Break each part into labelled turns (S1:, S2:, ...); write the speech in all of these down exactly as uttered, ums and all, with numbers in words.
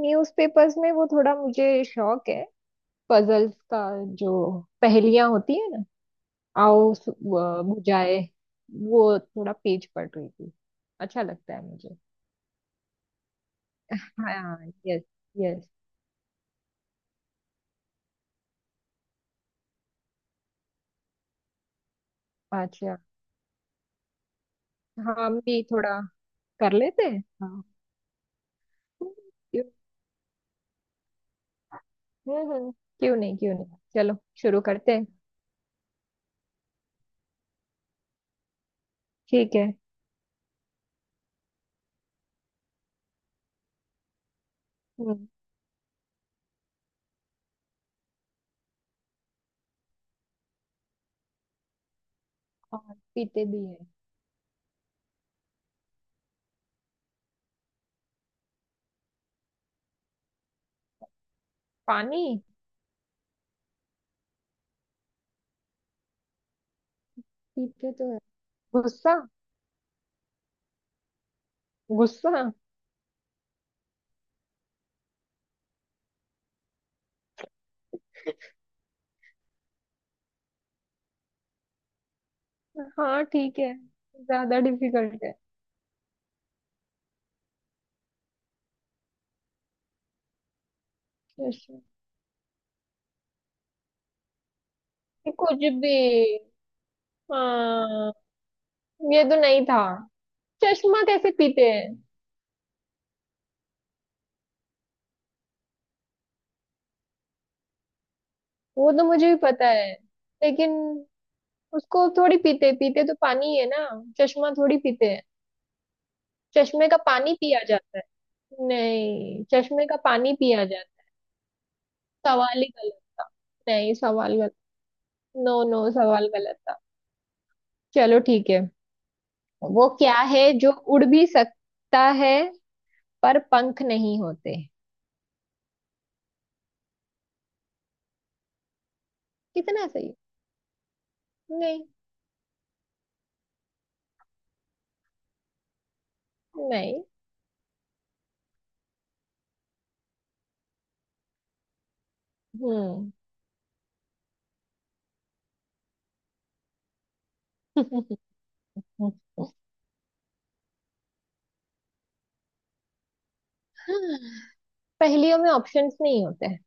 S1: Newspapers में वो थोड़ा मुझे शौक है पजल्स का। जो पहेलियां होती है ना, आओ सु- व- बुझाए। वो थोड़ा पेज पढ़ रही थी। अच्छा लगता है मुझे। हाँ। यस। यस। अच्छा, हम भी थोड़ा कर लेते हैं। हाँ। क्यों। हम्म हम्म। क्यों नहीं क्यों नहीं, चलो शुरू करते हैं। ठीक है। हम्म। और पीते भी है। पानी। पीते तो है। गुस्सा। गुस्सा। हाँ ठीक है। ज्यादा डिफिकल्ट है। चश्मा। ये कुछ भी। हाँ, ये तो नहीं था। चश्मा कैसे पीते हैं? वो तो मुझे भी पता है, लेकिन उसको थोड़ी पीते पीते तो पानी ही है ना। चश्मा थोड़ी पीते हैं। चश्मे का पानी पिया जाता है? नहीं, चश्मे का पानी पिया जाता है? सवाल ही गलत था। नहीं, सवाल गलत। नो नो, सवाल गलत था। चलो ठीक है। वो क्या है जो उड़ भी सकता है पर पंख नहीं होते? कितना सही। नहीं। नहीं। हम्म। पहेलियों में ऑप्शंस नहीं होते हैं।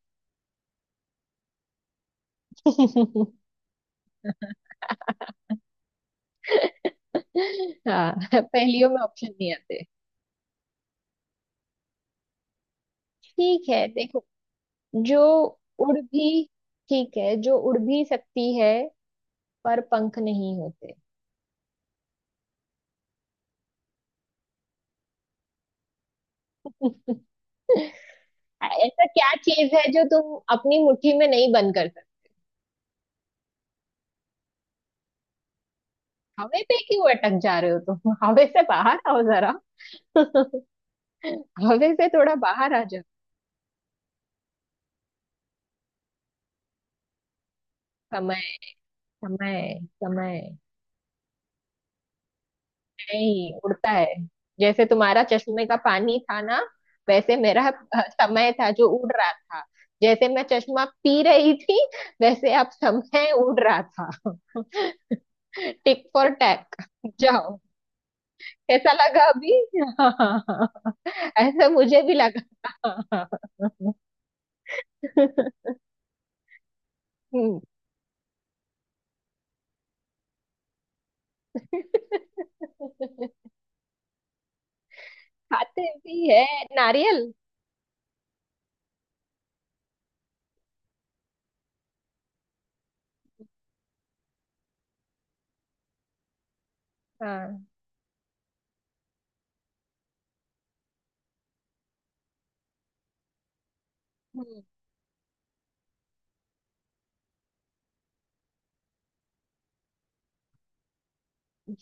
S1: हाँ, पहेलियों में ऑप्शन नहीं आते। ठीक है देखो, जो उड़ भी, ठीक है, जो उड़ भी सकती है पर पंख नहीं होते। ऐसा क्या चीज है जो तुम अपनी मुट्ठी में नहीं बंद कर सकते? हवे पे क्यों अटक जा रहे हो तुम? हवे से बाहर आओ जरा। हवे से थोड़ा बाहर आ जाओ। समय समय। समय नहीं उड़ता है। जैसे तुम्हारा चश्मे का पानी था ना, वैसे मेरा अ, समय था जो उड़ रहा था। जैसे मैं चश्मा पी रही थी, वैसे अब समय उड़ रहा था। टिक फॉर टैक। जाओ। कैसा लगा अभी? ऐसा मुझे भी लगा। हम्म। खाते भी है। नारियल। हाँ। हम्म।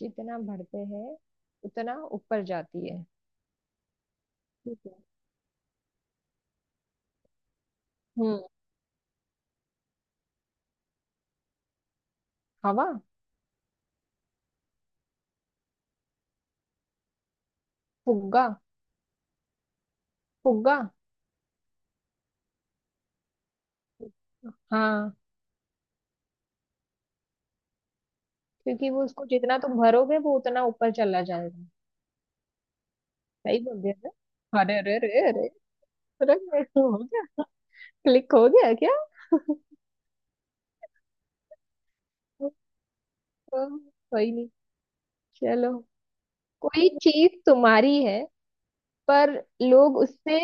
S1: जितना भरते हैं उतना ऊपर जाती है। ठीक है। हम्म। हवा। फुग्गा। फुग्गा। हाँ, क्योंकि वो उसको जितना तुम भरोगे वो उतना ऊपर चला जाएगा। सही बोल दिया ना? अरे अरे अरे अरे। अरे मेरे, हो गया। क्लिक हो गया क्या? हाँ, कोई नहीं। चलो। कोई चीज तुम्हारी है पर लोग उससे,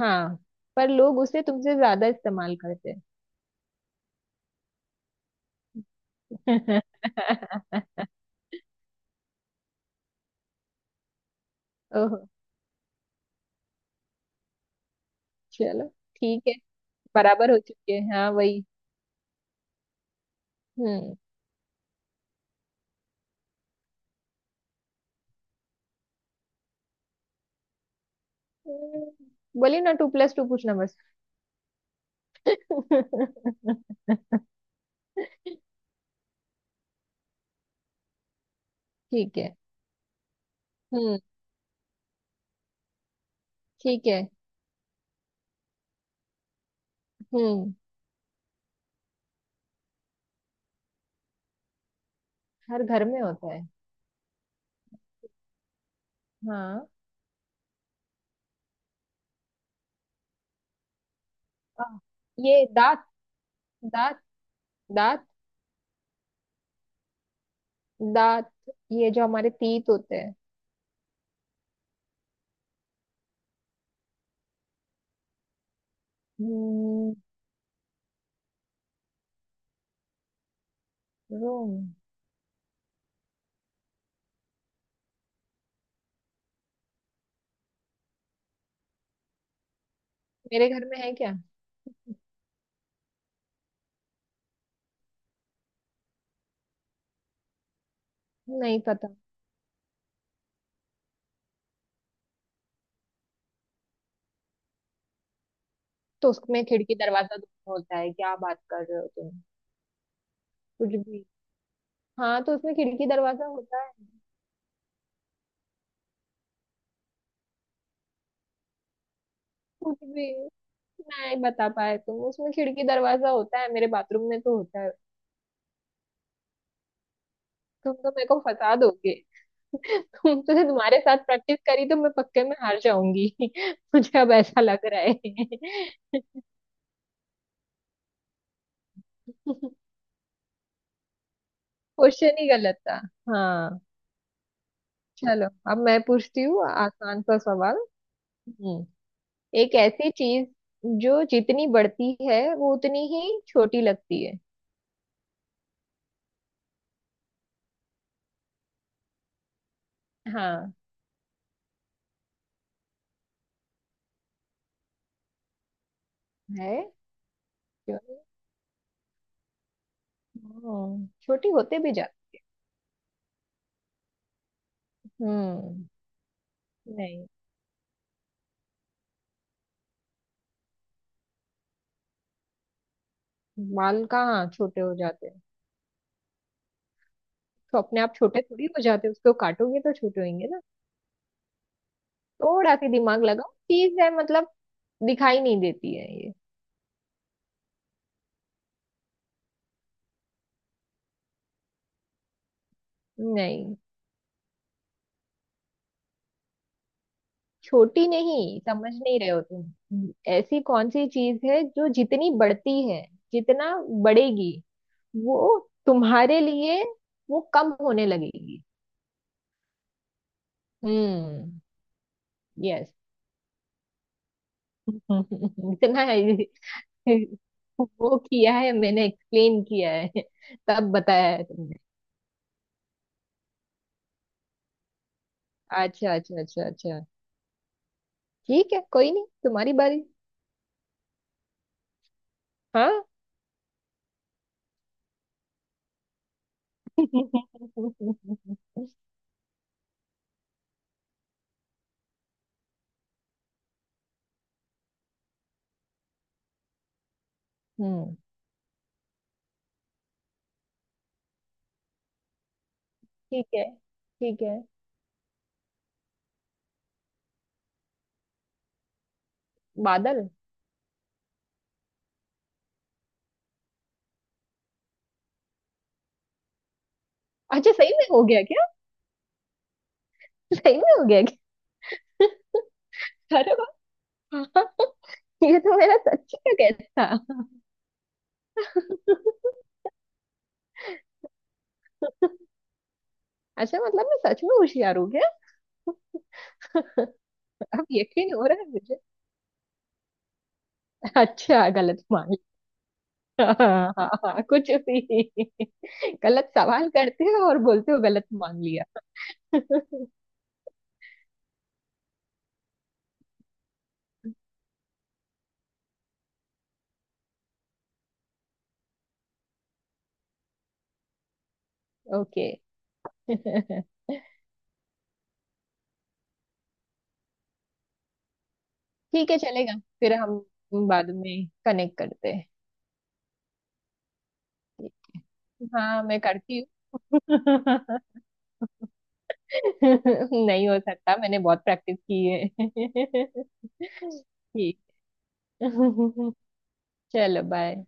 S1: हाँ, पर लोग उसे तुमसे ज्यादा इस्तेमाल करते हैं। ओह। चलो ठीक है, बराबर हो चुके हैं हाँ वही। हम्म। बोलिए ना, टू प्लस टू पूछना बस। ठीक है। हम्म। ठीक है। हम्म। हर घर में होता है। हाँ। आ, ये दांत। दांत। दांत। दांत। ये जो हमारे तीत होते हैं। हम्म। रूम। मेरे घर में है क्या? नहीं पता। तो उसमें खिड़की दरवाजा दोनों होता है, क्या बात कर रहे हो तुम? कुछ भी। हाँ तो उसमें खिड़की दरवाजा होता है। कुछ भी। नहीं बता पाए तुम, उसमें खिड़की दरवाजा होता है, मेरे बाथरूम में तो होता है। तुम तो मेरे को फंसा दोगे। तुम तुमसे तुम्हारे साथ प्रैक्टिस करी तो मैं पक्के में हार जाऊंगी। मुझे अब ऐसा लग रहा है। क्वेश्चन ही गलत था। हाँ। चलो, अब मैं पूछती हूँ आसान सा सवाल। हम्म। एक ऐसी चीज जो जितनी बढ़ती है वो उतनी ही छोटी लगती है। हाँ। है। क्यों। हम्म, छोटी होते भी जाते। हम्म। नहीं। बाल कहाँ छोटे हो जाते हैं? तो अपने आप छोटे थोड़ी हो जाते हैं, उसको काटोगे तो छोटे होंगे ना। थोड़ा सी दिमाग लगाओ, चीज है मतलब। दिखाई नहीं देती है ये। नहीं। छोटी नहीं, समझ नहीं रहे हो तुम। ऐसी कौन सी चीज है जो जितनी बढ़ती है, जितना बढ़ेगी वो तुम्हारे लिए वो कम होने लगेगी। हम्म। यस। इतना है- वो किया है, मैंने एक्सप्लेन किया है, तब बताया है तुमने। अच्छा अच्छा अच्छा अच्छा। ठीक है, कोई नहीं, तुम्हारी बारी। हाँ। हम्म। ठीक है। ठीक है। बादल। अच्छा, सही में हो गया क्या? सही में हो गया क्या? अरे वाह। ये तो मेरा सच का guess था। अच्छा, मतलब मैं सच में होशियार हूँ क्या? अब यकीन हो रहा है मुझे। अच्छा गलत मान लिया। हाँ हाँ हाँ, कुछ भी। गलत सवाल करते हो और बोलते हो गलत मान लिया। ओके। ठीक है, चलेगा। फिर हम बाद में कनेक्ट करते हैं। हाँ मैं करती हूँ। नहीं हो सकता, मैंने बहुत प्रैक्टिस की है। ठीक। चलो बाय।